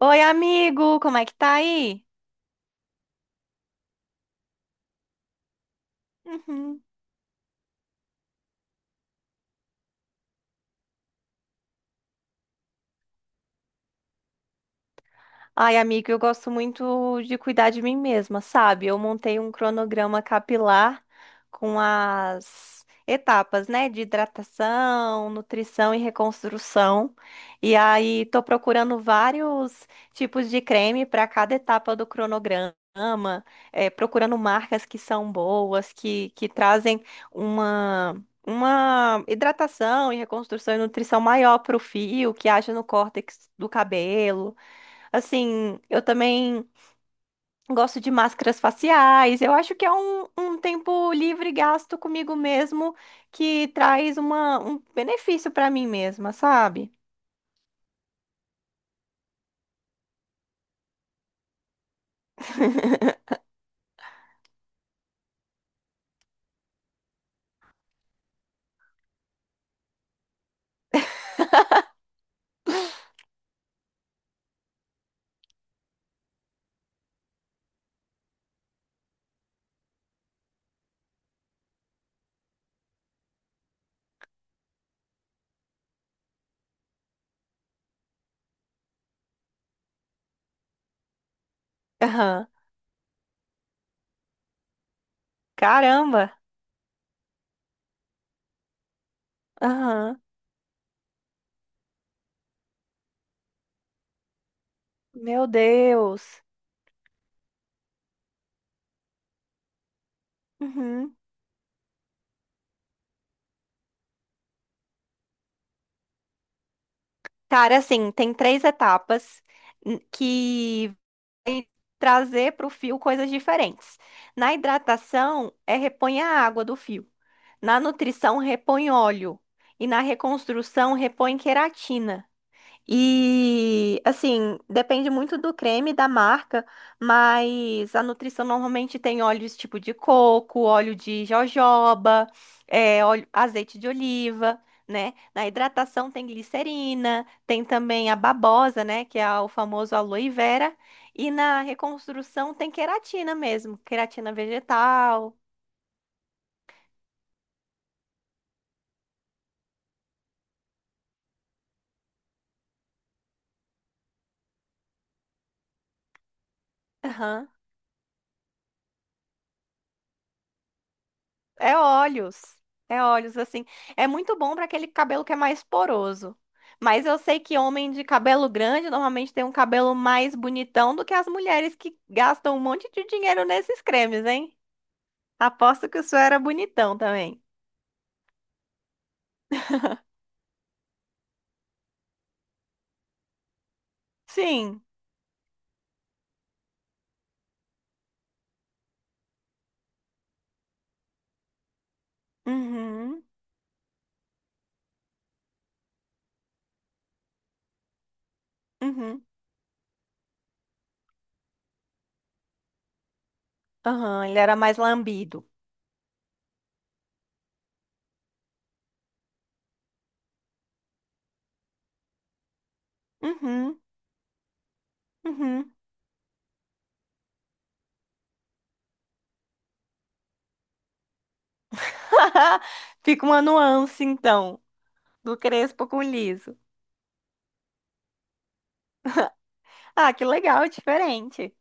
Oi, amigo, como é que tá aí? Uhum. Ai, amigo, eu gosto muito de cuidar de mim mesma, sabe? Eu montei um cronograma capilar com as etapas, né? De hidratação, nutrição e reconstrução. E aí, tô procurando vários tipos de creme para cada etapa do cronograma. Procurando marcas que são boas, que trazem uma, uma hidratação e reconstrução e nutrição maior para o fio, que haja no córtex do cabelo. Assim, eu também gosto de máscaras faciais. Eu acho que é um tempo livre gasto comigo mesmo que traz um benefício para mim mesma, sabe? Aham. Caramba! Aham. Meu Deus! Uhum. Cara, assim, tem três etapas que vai trazer para o fio coisas diferentes. Na hidratação, é repõe a água do fio. Na nutrição repõe óleo e na reconstrução repõe queratina. E assim, depende muito do creme, da marca, mas a nutrição normalmente tem óleos tipo de coco, óleo de jojoba, azeite de oliva, né? Na hidratação tem glicerina, tem também a babosa, né? Que é o famoso aloe vera. E na reconstrução tem queratina mesmo, queratina vegetal. Aham. É óleos. É óleos, assim. É muito bom para aquele cabelo que é mais poroso. Mas eu sei que homem de cabelo grande normalmente tem um cabelo mais bonitão do que as mulheres que gastam um monte de dinheiro nesses cremes, hein? Aposto que o seu era bonitão também. Sim. Uhum. Uhum. Aham, ele era mais lambido. Uhum. Uhum. Fica uma nuance, então, do crespo com liso. Ah, que legal, é diferente.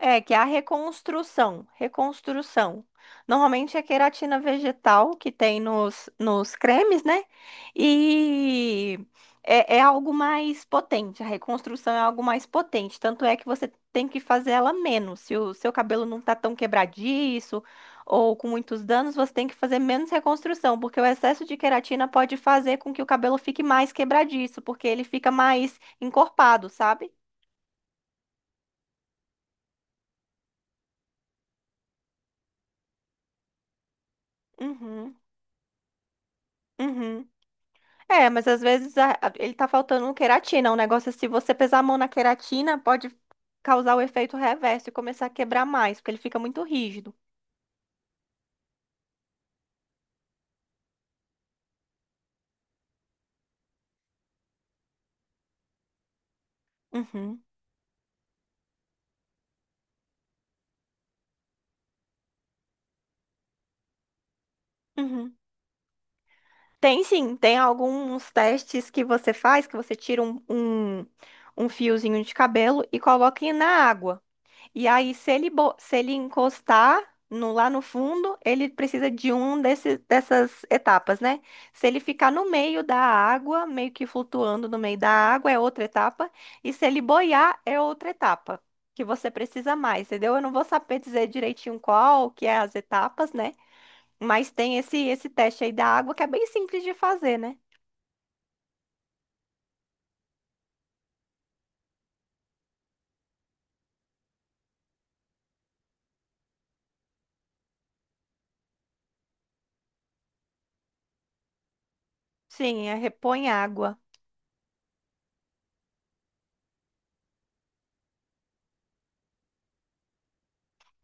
É, que é a reconstrução, reconstrução. Normalmente é queratina vegetal que tem nos cremes, né? E é algo mais potente, a reconstrução é algo mais potente. Tanto é que você tem que fazer ela menos. Se o seu cabelo não tá tão quebradiço ou com muitos danos, você tem que fazer menos reconstrução, porque o excesso de queratina pode fazer com que o cabelo fique mais quebradiço, porque ele fica mais encorpado, sabe? Uhum, uhum. É, mas às vezes ele tá faltando um queratina. Um negócio é se você pesar a mão na queratina, pode causar o efeito reverso e começar a quebrar mais, porque ele fica muito rígido. Uhum, uhum. Tem sim, tem alguns testes que você faz, que você tira um fiozinho de cabelo e coloca na água. E aí, se ele, se ele encostar lá no fundo, ele precisa de dessas etapas, né? Se ele ficar no meio da água, meio que flutuando no meio da água, é outra etapa. E se ele boiar, é outra etapa. Que você precisa mais, entendeu? Eu não vou saber dizer direitinho qual que é as etapas, né? Mas tem esse teste aí da água que é bem simples de fazer, né? Sim, é repõe água.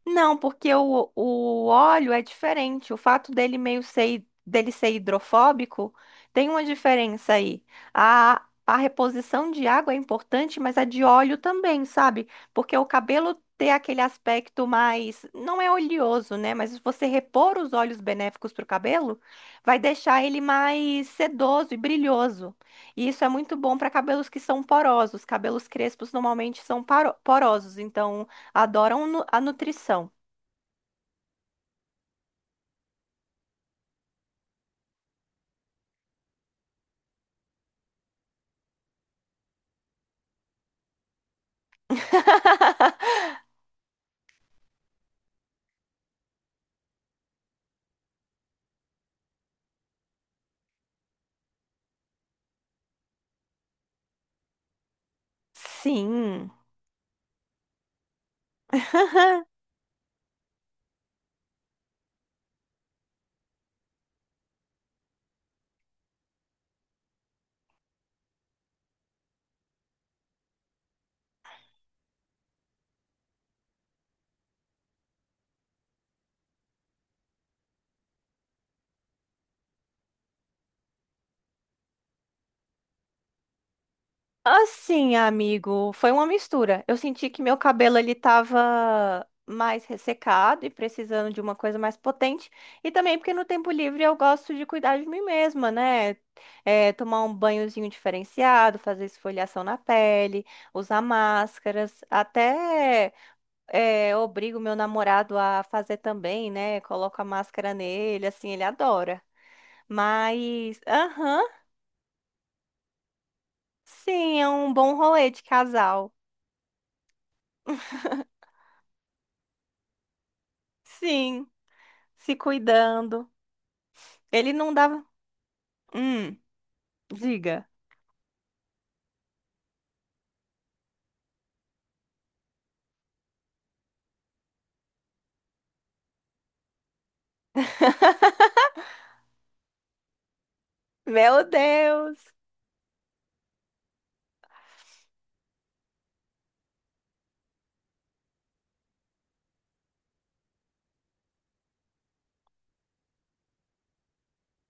Não, porque o óleo é diferente. O fato dele ser hidrofóbico tem uma diferença aí. A reposição de água é importante, mas a de óleo também, sabe? Porque o cabelo ter aquele aspecto mais, não é oleoso, né? Mas você repor os óleos benéficos para o cabelo vai deixar ele mais sedoso e brilhoso. E isso é muito bom para cabelos que são porosos. Cabelos crespos normalmente são porosos, então adoram a nutrição. Sim. Assim, amigo, foi uma mistura. Eu senti que meu cabelo ele tava mais ressecado e precisando de uma coisa mais potente. E também porque no tempo livre eu gosto de cuidar de mim mesma, né? É, tomar um banhozinho diferenciado, fazer esfoliação na pele, usar máscaras, até obrigo meu namorado a fazer também, né? Coloco a máscara nele, assim, ele adora. Mas, aham, sim, é um bom rolê de casal. Sim, se cuidando. Ele não dava. Hum, diga. Meu Deus!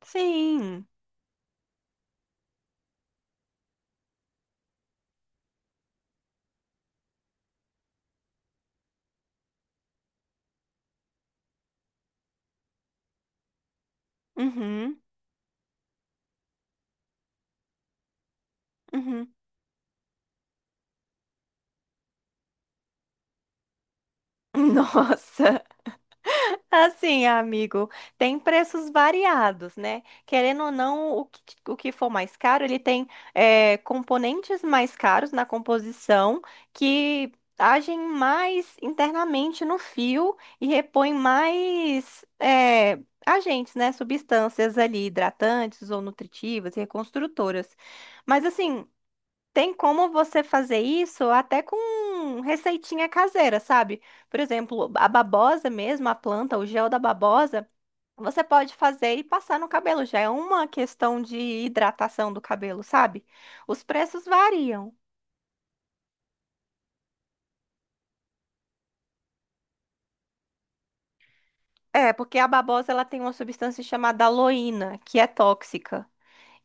Sim. Uhum, uhum. Nossa! Assim, amigo, tem preços variados, né? Querendo ou não, o que for mais caro, ele tem componentes mais caros na composição que agem mais internamente no fio e repõem mais agentes, né? Substâncias ali, hidratantes ou nutritivas e reconstrutoras. Mas assim. Tem como você fazer isso até com receitinha caseira, sabe? Por exemplo, a babosa mesmo, a planta, o gel da babosa, você pode fazer e passar no cabelo. Já é uma questão de hidratação do cabelo, sabe? Os preços variam. É, porque a babosa ela tem uma substância chamada aloína, que é tóxica.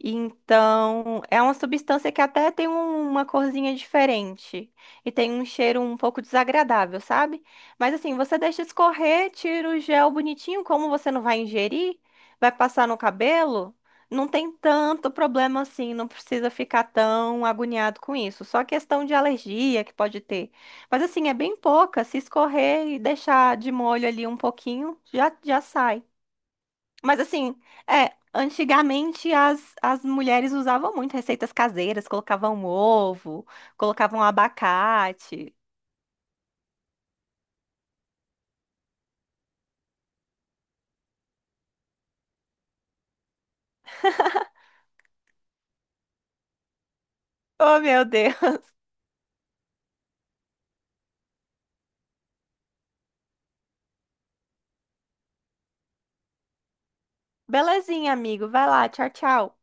Então, é uma substância que até tem uma corzinha diferente e tem um cheiro um pouco desagradável, sabe? Mas assim, você deixa escorrer, tira o gel bonitinho, como você não vai ingerir, vai passar no cabelo, não tem tanto problema assim, não precisa ficar tão agoniado com isso. Só questão de alergia que pode ter. Mas assim, é bem pouca, se escorrer e deixar de molho ali um pouquinho, já já sai. Mas assim, é, antigamente as mulheres usavam muito receitas caseiras, colocavam ovo, colocavam abacate. Oh, meu Deus. Belezinha, amigo. Vai lá, tchau, tchau.